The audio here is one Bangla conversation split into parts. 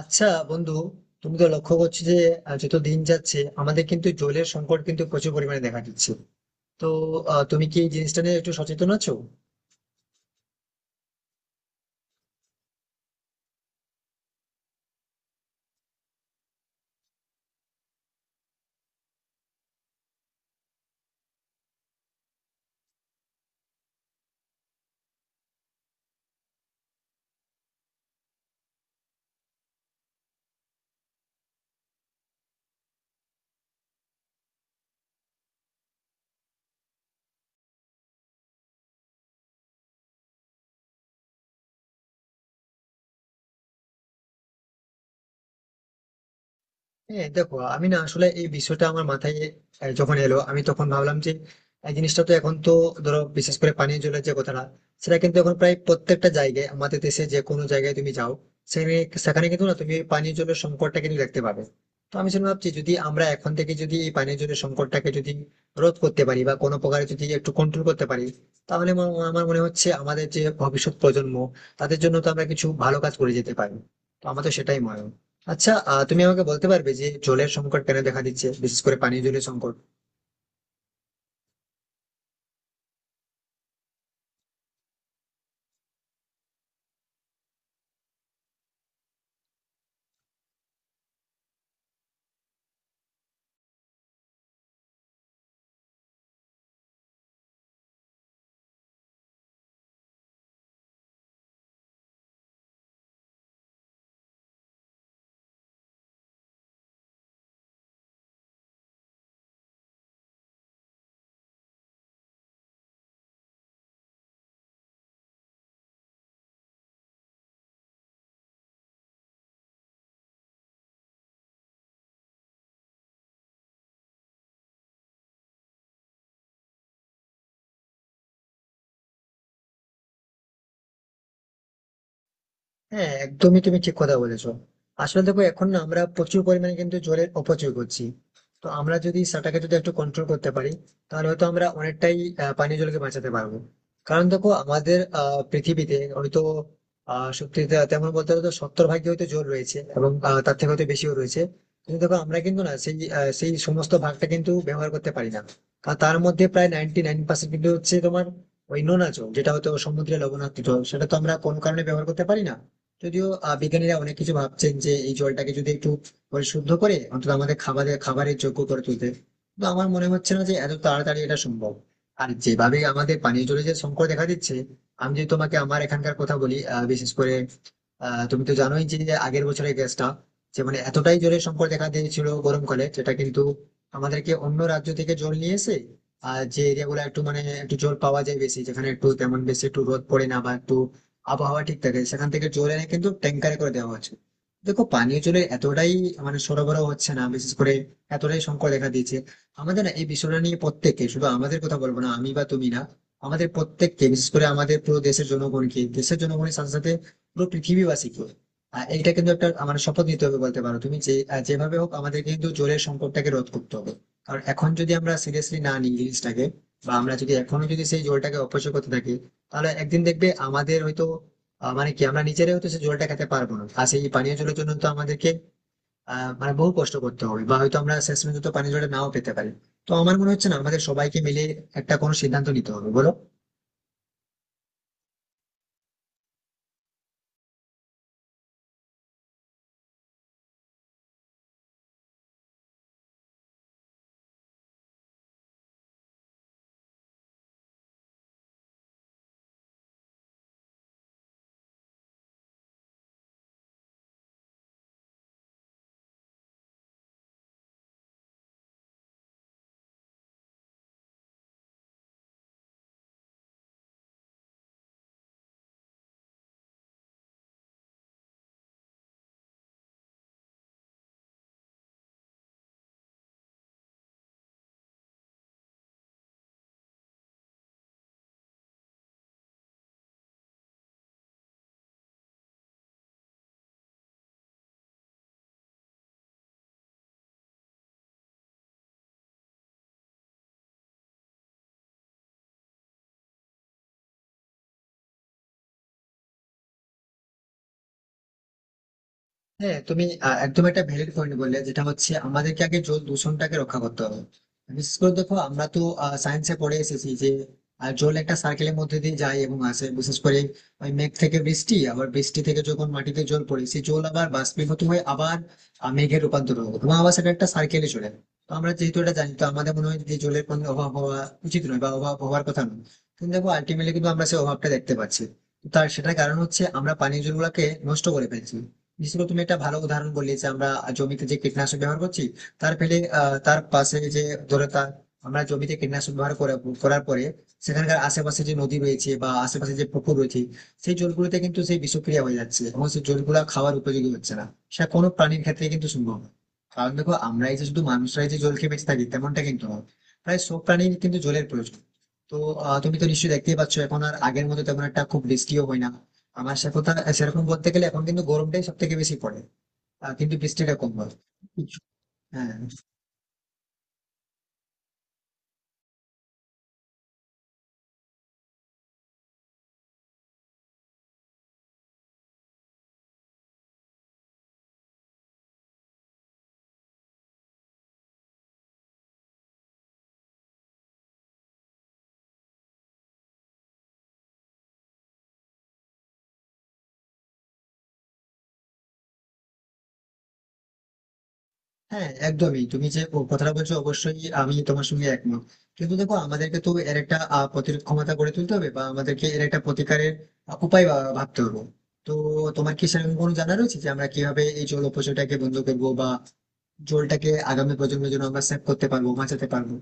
আচ্ছা বন্ধু, তুমি তো লক্ষ্য করছো যে যত দিন যাচ্ছে আমাদের কিন্তু জলের সংকট কিন্তু প্রচুর পরিমাণে দেখা দিচ্ছে। তো তুমি কি এই জিনিসটা নিয়ে একটু সচেতন আছো? হ্যাঁ দেখো, আমি না আসলে এই বিষয়টা আমার মাথায় যখন এলো, আমি তখন ভাবলাম যে এই জিনিসটা তো এখন তো ধরো বিশেষ করে পানীয় জলের যে কথাটা, সেটা কিন্তু এখন প্রায় প্রত্যেকটা জায়গায়, আমাদের দেশে যে কোনো জায়গায় তুমি যাও সেখানে, কিন্তু না তুমি এই পানীয় জলের সংকটটা কিন্তু দেখতে পাবে। তো আমি সেটা ভাবছি, যদি আমরা এখন থেকে যদি এই পানীয় জলের সংকটটাকে যদি রোধ করতে পারি বা কোনো প্রকারে যদি একটু কন্ট্রোল করতে পারি, তাহলে আমার আমার মনে হচ্ছে আমাদের যে ভবিষ্যৎ প্রজন্ম, তাদের জন্য তো আমরা কিছু ভালো কাজ করে যেতে পারি। তো আমার তো সেটাই মনে হয়। আচ্ছা, তুমি আমাকে বলতে পারবে যে জলের সংকট কেন দেখা দিচ্ছে, বিশেষ করে পানীয় জলের সংকট? হ্যাঁ একদমই, তুমি ঠিক কথা বলেছো। আসলে দেখো, এখন না আমরা প্রচুর পরিমাণে কিন্তু জলের অপচয় করছি। তো আমরা যদি সেটাকে যদি একটু কন্ট্রোল করতে পারি, তাহলে হয়তো আমরা অনেকটাই পানীয় জলকে বাঁচাতে পারবো। কারণ দেখো, আমাদের পৃথিবীতে হয়তো তেমন বলতে গেলে তো 70 ভাগে হয়তো জল রয়েছে এবং তার থেকে হয়তো বেশিও রয়েছে। কিন্তু দেখো, আমরা কিন্তু না সেই সেই সমস্ত ভাগটা কিন্তু ব্যবহার করতে পারি না। কারণ তার মধ্যে প্রায় 99% কিন্তু হচ্ছে তোমার ওই নোনা জল, যেটা হয়তো সমুদ্রে লবণাক্ত জল, সেটা তো আমরা কোনো কারণে ব্যবহার করতে পারি না। যদিও বিজ্ঞানীরা অনেক কিছু ভাবছেন যে এই জলটাকে যদি একটু পরিশুদ্ধ করে অন্তত আমাদের খাবারের খাবারের যোগ্য করে তুলতে। কিন্তু আমার মনে হচ্ছে না যে এত তাড়াতাড়ি এটা সম্ভব। আর যেভাবে আমাদের পানীয় জলের যে সংকট দেখা দিচ্ছে, আমি যদি তোমাকে আমার এখানকার কথা বলি, বিশেষ করে তুমি তো জানোই যে আগের বছরের গ্যাসটা যে, মানে এতটাই জোরে সংকট দেখা দিয়েছিল গরমকালে, যেটা কিন্তু আমাদেরকে অন্য রাজ্য থেকে জল নিয়ে এসে, আর যে এরিয়া গুলো একটু মানে একটু জল পাওয়া যায় বেশি, যেখানে একটু তেমন বেশি একটু রোদ পড়ে না বা একটু আবহাওয়া ঠিক থাকে, সেখান থেকে জল এনে কিন্তু ট্যাঙ্কারে করে দেওয়া হচ্ছে। দেখো, পানীয় জলের এতটাই মানে সরবরাহ হচ্ছে না, বিশেষ করে এতটাই সংকট দেখা দিয়েছে। আমাদের না এই বিষয়টা নিয়ে প্রত্যেককে, শুধু আমাদের কথা বলবো না আমি বা তুমি না, আমাদের প্রত্যেককে, বিশেষ করে আমাদের পুরো দেশের জনগণকে, দেশের জনগণের সাথে সাথে পুরো পৃথিবীবাসীকে, এটা কিন্তু একটা আমার শপথ নিতে হবে বলতে পারো তুমি, যে যেভাবে হোক আমাদের কিন্তু জলের সংকটটাকে রোধ করতে হবে। কারণ এখন যদি আমরা সিরিয়াসলি না নিই জিনিসটাকে, বা আমরা যদি এখনো যদি সেই জলটাকে অপচয় করতে থাকি, তাহলে একদিন দেখবে আমাদের হয়তো মানে কি আমরা নিজেরাই হয়তো সেই জলটা খেতে পারবো না, আর সেই পানীয় জলের জন্য তো আমাদেরকে মানে বহু কষ্ট করতে হবে, বা হয়তো আমরা শেষ পর্যন্ত পানীয় জলটা নাও পেতে পারি। তো আমার মনে হচ্ছে না আমাদের সবাইকে মিলে একটা কোনো সিদ্ধান্ত নিতে হবে, বলো? হ্যাঁ তুমি একদম একটা ভ্যালিড পয়েন্ট বললে, যেটা হচ্ছে আমাদেরকে আগে জল দূষণটাকে রক্ষা করতে হবে। বিশেষ করে দেখো, আমরা তো সায়েন্সে পড়ে এসেছি যে জল একটা সার্কেলের মধ্যে দিয়ে যায় এবং আসে, বিশেষ করে ওই মেঘ থেকে বৃষ্টি, আবার বৃষ্টি থেকে যখন মাটিতে জল পড়ে, সেই জল আবার বাষ্পীভূত হয়ে আবার মেঘে রূপান্তর হবে, এবং আবার সেটা একটা সার্কেলে চলে। তো আমরা যেহেতু এটা জানি, তো আমাদের মনে হয় যে জলের কোনো অভাব হওয়া উচিত নয় বা অভাব হওয়ার কথা নয়। কিন্তু দেখো, আলটিমেটলি কিন্তু আমরা সেই অভাবটা দেখতে পাচ্ছি। তার সেটার কারণ হচ্ছে আমরা পানীয় জলগুলোকে নষ্ট করে ফেলছি। বিশেষ করে তুমি একটা ভালো উদাহরণ বললে যে আমরা জমিতে যে কীটনাশক ব্যবহার করছি, তার ফলে তার পাশে যে ধরো তার, আমরা জমিতে কীটনাশক করার পরে সেখানকার আশেপাশে যে নদী রয়েছে বা আশেপাশে যে পুকুর রয়েছে, সেই জলগুলোতে কিন্তু সেই বিষক্রিয়া হয়ে যাচ্ছে এবং সেই জলগুলো খাওয়ার উপযোগী হচ্ছে না। সেটা কোনো প্রাণীর ক্ষেত্রে কিন্তু সম্ভব না। কারণ দেখো, আমরাই যে শুধু মানুষরাই যে জল খেয়ে বেঁচে থাকি তেমনটা কিন্তু নয়, প্রায় সব প্রাণীর কিন্তু জলের প্রয়োজন। তো তুমি তো নিশ্চয়ই দেখতেই পাচ্ছ এখন আর আগের মতো তেমন একটা খুব বৃষ্টিও হয় না। আমার সে কথা সেরকম বলতে গেলে এখন কিন্তু গরমটাই সব থেকে বেশি পড়ে, কিন্তু বৃষ্টিটা কম হয়। হ্যাঁ। হ্যাঁ একদমই, তুমি যে ও কথাটা বলছো অবশ্যই আমি তোমার সঙ্গে একমত। কিন্তু দেখো, আমাদেরকে তো এর একটা প্রতিরোধ ক্ষমতা গড়ে তুলতে হবে, বা আমাদেরকে এর একটা প্রতিকারের উপায় ভাবতে হবে। তো তোমার কি সেরকম কোনো জানা রয়েছে যে আমরা কিভাবে এই জল অপচয়টাকে বন্ধ করবো, বা জলটাকে আগামী প্রজন্মের জন্য আমরা সেভ করতে পারবো, বাঁচাতে পারবো?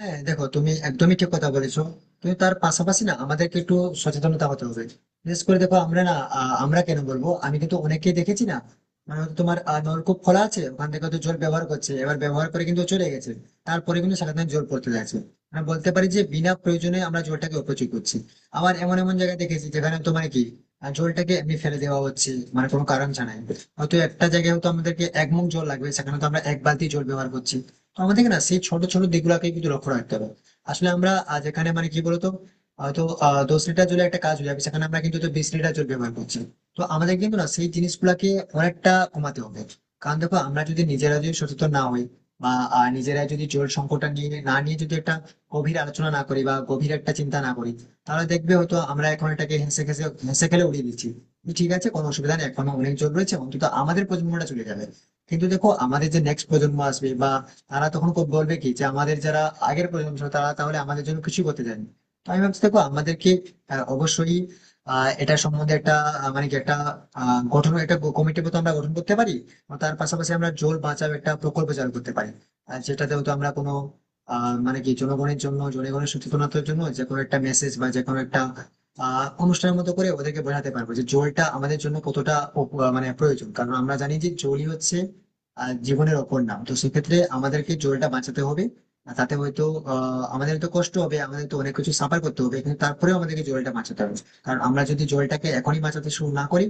হ্যাঁ দেখো, তুমি একদমই ঠিক কথা বলেছো। কিন্তু তার পাশাপাশি না আমাদেরকে একটু সচেতনতা হতে হবে। বিশেষ করে দেখো, আমরা না আমরা কেন বলবো, আমি কিন্তু অনেককেই দেখেছি না, মানে হয়তো তোমার নলকূপ খোলা আছে, ওখান থেকে হয়তো জল ব্যবহার করছে, এবার ব্যবহার করে কিন্তু চলে গেছে, তারপরে কিন্তু সেখানে জল পড়তে যাচ্ছে। আমি বলতে পারি যে বিনা প্রয়োজনে আমরা জলটাকে অপচয় করছি। আবার এমন এমন জায়গায় দেখেছি যেখানে তোমার কি জলটাকে এমনি ফেলে দেওয়া হচ্ছে, মানে কোনো কারণ ছাড়াই। হয়তো একটা জায়গায় হয়তো আমাদেরকে এক মুখ জল লাগবে, সেখানে তো আমরা এক বালতি জল ব্যবহার করছি। তো আমাদের না সেই ছোট ছোট দিকগুলোকে কিন্তু লক্ষ্য রাখতে হবে। আসলে আমরা যেখানে মানে কি বলতো হয়তো 10 লিটার জলের একটা কাজ হয়ে যাবে, সেখানে আমরা কিন্তু তো 20 লিটার জল ব্যবহার করছি। তো আমাদের কিন্তু না সেই জিনিসগুলাকে অনেকটা কমাতে হবে। কারণ দেখো, আমরা যদি নিজেরা যদি সচেতন না হই, বা নিজেরা যদি জল সংকটটা নিয়ে নিয়ে যদি একটা গভীর আলোচনা না করি বা গভীর একটা চিন্তা না করি, তাহলে দেখবে হয়তো আমরা এখন এটাকে হেসে খেলে উড়িয়ে দিচ্ছি, ঠিক আছে কোনো অসুবিধা নেই, এখনো অনেক জল রয়েছে, অন্তত আমাদের প্রজন্মটা চলে যাবে। কিন্তু দেখো, আমাদের যে নেক্সট প্রজন্ম আসবে, বা তারা তখন বলবে কি যে আমাদের যারা আগের প্রজন্ম ছিল তারা তাহলে আমাদের জন্য কিছু করতে চায়নি। তো আমি ভাবছি দেখো, আমাদেরকে অবশ্যই এটা সম্বন্ধে একটা মানে কি একটা আহ, গঠন একটা কমিটি মতো আমরা গঠন করতে পারি। আর তার পাশাপাশি আমরা জল বাঁচাও একটা প্রকল্প চালু করতে পারি। আর যেটাতে হয়তো আমরা কোনো মানে কি জনগণের জন্য, জনগণের সচেতনতার জন্য যে কোনো একটা মেসেজ, বা যে কোনো একটা অনুষ্ঠানের মতো করে ওদেরকে বোঝাতে পারবো যে জলটা আমাদের জন্য কতটা মানে প্রয়োজন। কারণ আমরা জানি যে জলই হচ্ছে জীবনের অপর নাম। তো সেক্ষেত্রে আমাদেরকে জলটা বাঁচাতে হবে। আর তাতে হয়তো আমাদের তো কষ্ট হবে, আমাদের তো অনেক কিছু সাফার করতে হবে, কিন্তু তারপরেও আমাদেরকে জলটা বাঁচাতে হবে। কারণ আমরা যদি জলটাকে এখনই বাঁচাতে শুরু না করি,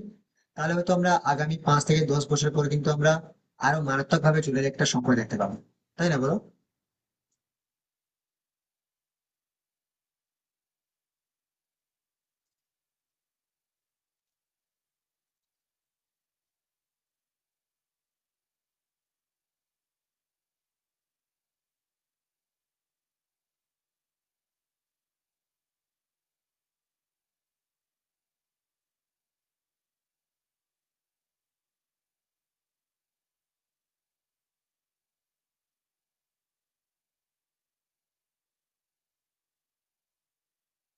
তাহলে হয়তো আমরা আগামী 5 থেকে 10 বছর পরে কিন্তু আমরা আরো মারাত্মক ভাবে জলের একটা সংকট দেখতে পাবো। তাই না বলো?